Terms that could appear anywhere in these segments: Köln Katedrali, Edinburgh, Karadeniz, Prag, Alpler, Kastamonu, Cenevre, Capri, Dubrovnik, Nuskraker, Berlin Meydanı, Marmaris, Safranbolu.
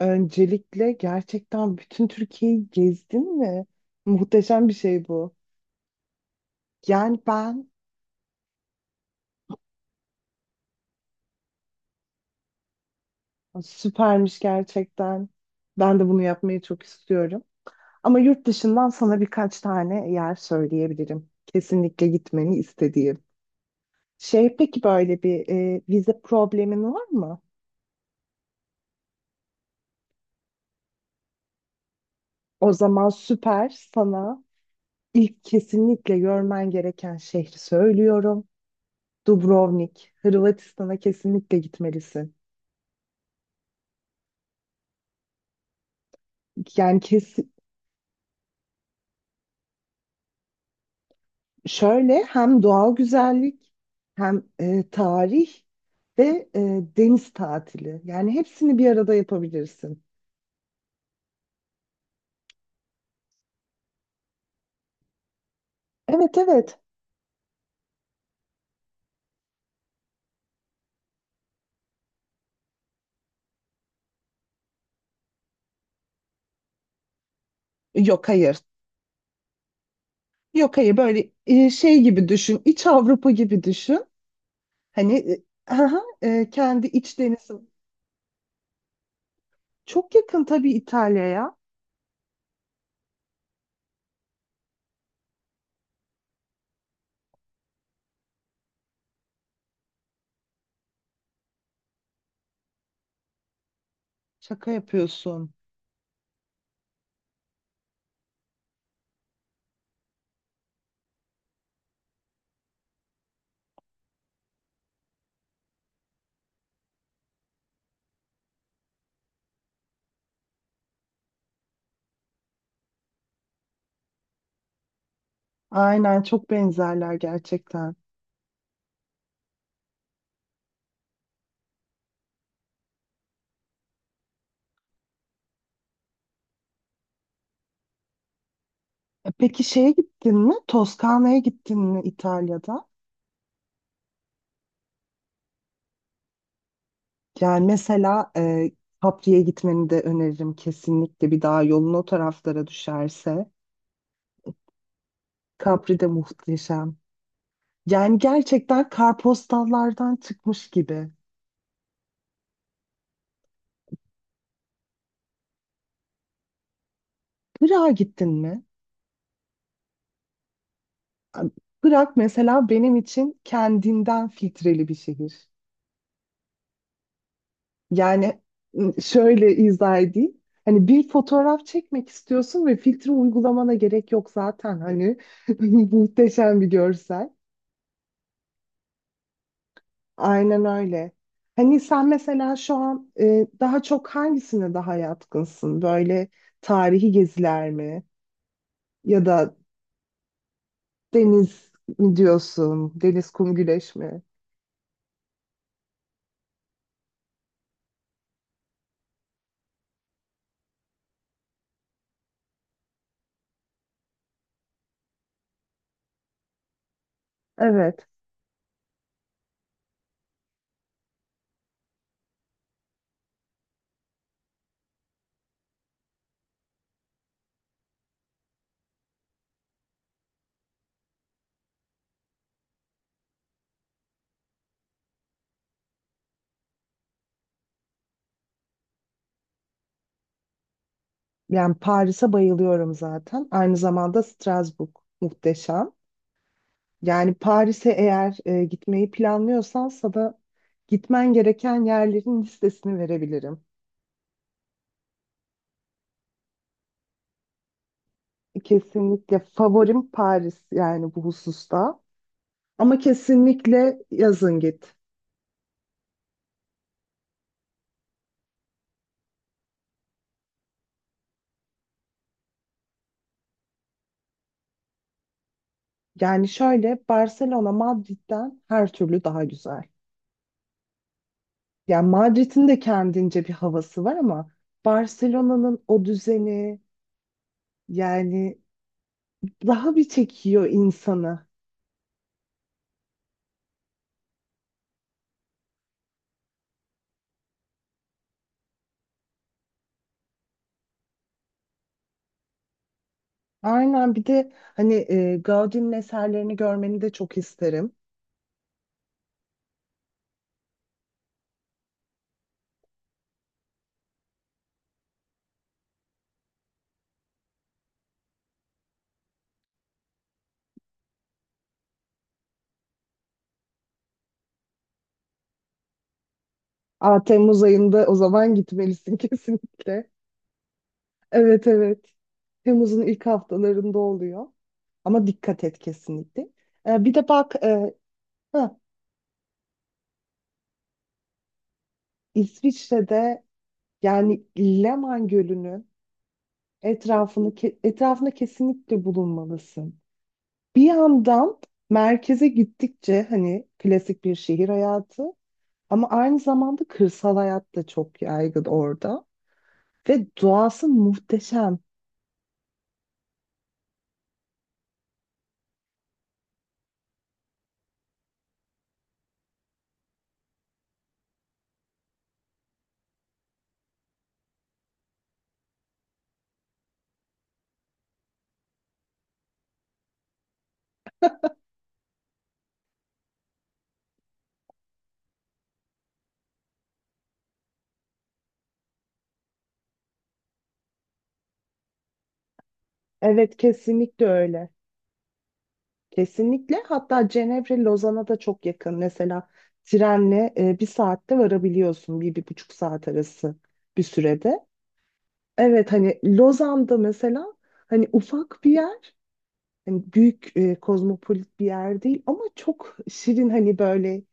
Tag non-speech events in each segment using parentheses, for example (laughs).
Öncelikle gerçekten bütün Türkiye'yi gezdin mi? Muhteşem bir şey bu. Yani ben süpermiş gerçekten. Ben de bunu yapmayı çok istiyorum. Ama yurt dışından sana birkaç tane yer söyleyebilirim. Kesinlikle gitmeni istediğim. Şey peki böyle bir vize problemin var mı? O zaman süper, sana ilk kesinlikle görmen gereken şehri söylüyorum. Dubrovnik, Hırvatistan'a kesinlikle gitmelisin. Yani kes, Şöyle hem doğal güzellik, hem tarih ve e, deniz tatili. Yani hepsini bir arada yapabilirsin. Evet, evet. Yok, hayır. Yok hayır, böyle şey gibi düşün. İç Avrupa gibi düşün. Hani kendi iç denizi. Çok yakın tabii İtalya'ya. Şaka yapıyorsun. Aynen, çok benzerler gerçekten. Peki şeye gittin mi? Toskana'ya gittin mi İtalya'da? Yani mesela Capri'ye gitmeni de öneririm kesinlikle, bir daha yolun o taraflara düşerse. Capri de muhteşem. Yani gerçekten kartpostallardan çıkmış gibi. Prag'a gittin mi? Prag mesela benim için kendinden filtreli bir şehir. Yani şöyle izah edeyim. Hani bir fotoğraf çekmek istiyorsun ve filtre uygulamana gerek yok zaten. Hani (laughs) muhteşem bir görsel. Aynen öyle. Hani sen mesela şu an daha çok hangisine daha yatkınsın? Böyle tarihi geziler mi? Ya da deniz mi diyorsun? Deniz, kum, güneş mi? Evet. Yani Paris'e bayılıyorum zaten. Aynı zamanda Strasbourg muhteşem. Yani Paris'e eğer gitmeyi planlıyorsan, sana gitmen gereken yerlerin listesini verebilirim. Kesinlikle favorim Paris yani bu hususta. Ama kesinlikle yazın git. Yani şöyle, Barcelona Madrid'den her türlü daha güzel. Yani Madrid'in de kendince bir havası var ama Barcelona'nın o düzeni yani daha bir çekiyor insanı. Aynen, bir de hani Gaudi'nin eserlerini görmeni de çok isterim. Aa, Temmuz ayında o zaman gitmelisin (laughs) kesinlikle. Evet, evet. Temmuz'un ilk haftalarında oluyor. Ama dikkat et kesinlikle. Bir de bak, ha, İsviçre'de, yani Leman Gölü'nün etrafında kesinlikle bulunmalısın. Bir yandan merkeze gittikçe hani klasik bir şehir hayatı, ama aynı zamanda kırsal hayat da çok yaygın orada ve doğası muhteşem. Evet, kesinlikle öyle. Kesinlikle, hatta Cenevre Lozan'a da çok yakın. Mesela trenle bir saatte varabiliyorsun, bir buçuk saat arası bir sürede. Evet, hani Lozan'da mesela, hani ufak bir yer, hani büyük kozmopolit bir yer değil ama çok şirin, hani böyle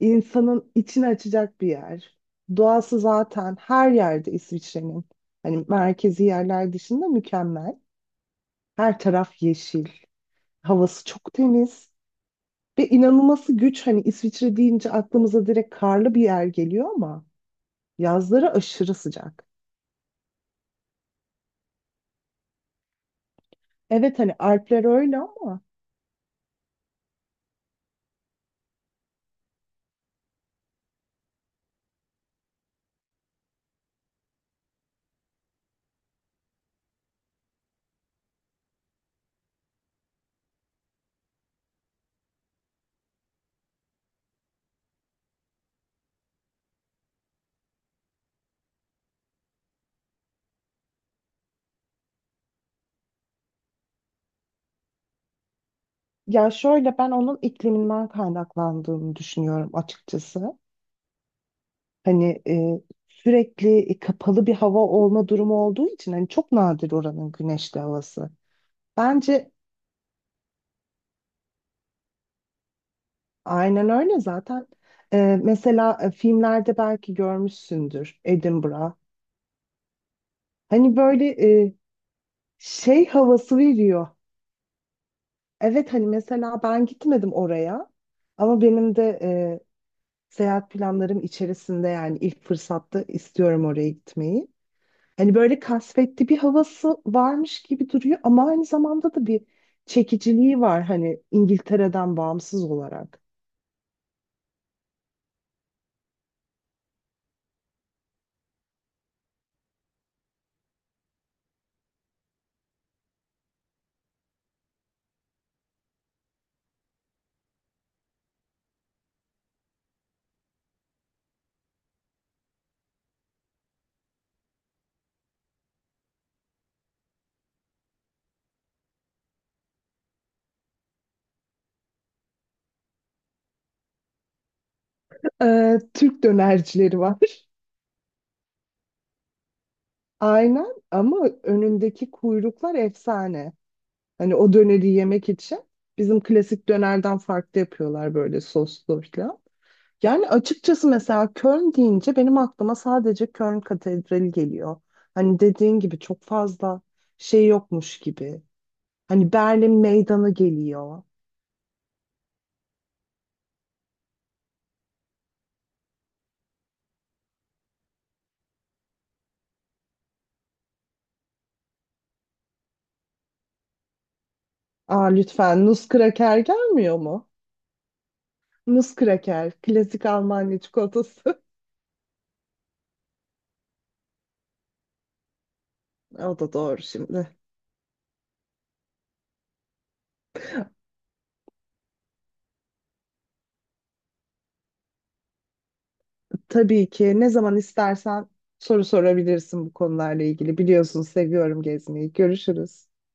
insanın içini açacak bir yer. Doğası zaten her yerde İsviçre'nin, hani merkezi yerler dışında, mükemmel. Her taraf yeşil, havası çok temiz ve inanılması güç, hani İsviçre deyince aklımıza direkt karlı bir yer geliyor ama yazları aşırı sıcak. Evet, hani Alpler öyle ama. Ya şöyle, ben onun ikliminden kaynaklandığını düşünüyorum açıkçası. Hani sürekli kapalı bir hava olma durumu olduğu için, hani çok nadir oranın güneşli havası. Bence aynen öyle zaten. E, Mesela filmlerde belki görmüşsündür Edinburgh. Hani böyle e, şey havası veriyor. Evet, hani mesela ben gitmedim oraya ama benim de seyahat planlarım içerisinde, yani ilk fırsatta istiyorum oraya gitmeyi. Hani böyle kasvetli bir havası varmış gibi duruyor ama aynı zamanda da bir çekiciliği var, hani İngiltere'den bağımsız olarak. Türk dönercileri var. (laughs) Aynen, ama önündeki kuyruklar efsane. Hani o döneri yemek için bizim klasik dönerden farklı yapıyorlar, böyle soslu falan. Yani açıkçası mesela Köln deyince benim aklıma sadece Köln Katedrali geliyor. Hani dediğin gibi çok fazla şey yokmuş gibi. Hani Berlin Meydanı geliyor. Aa, lütfen Nuskraker gelmiyor mu? Nuskraker, klasik Almanya çikolatası. (laughs) O da doğru şimdi. Tabii ki, ne zaman istersen soru sorabilirsin bu konularla ilgili. Biliyorsun, seviyorum gezmeyi. Görüşürüz.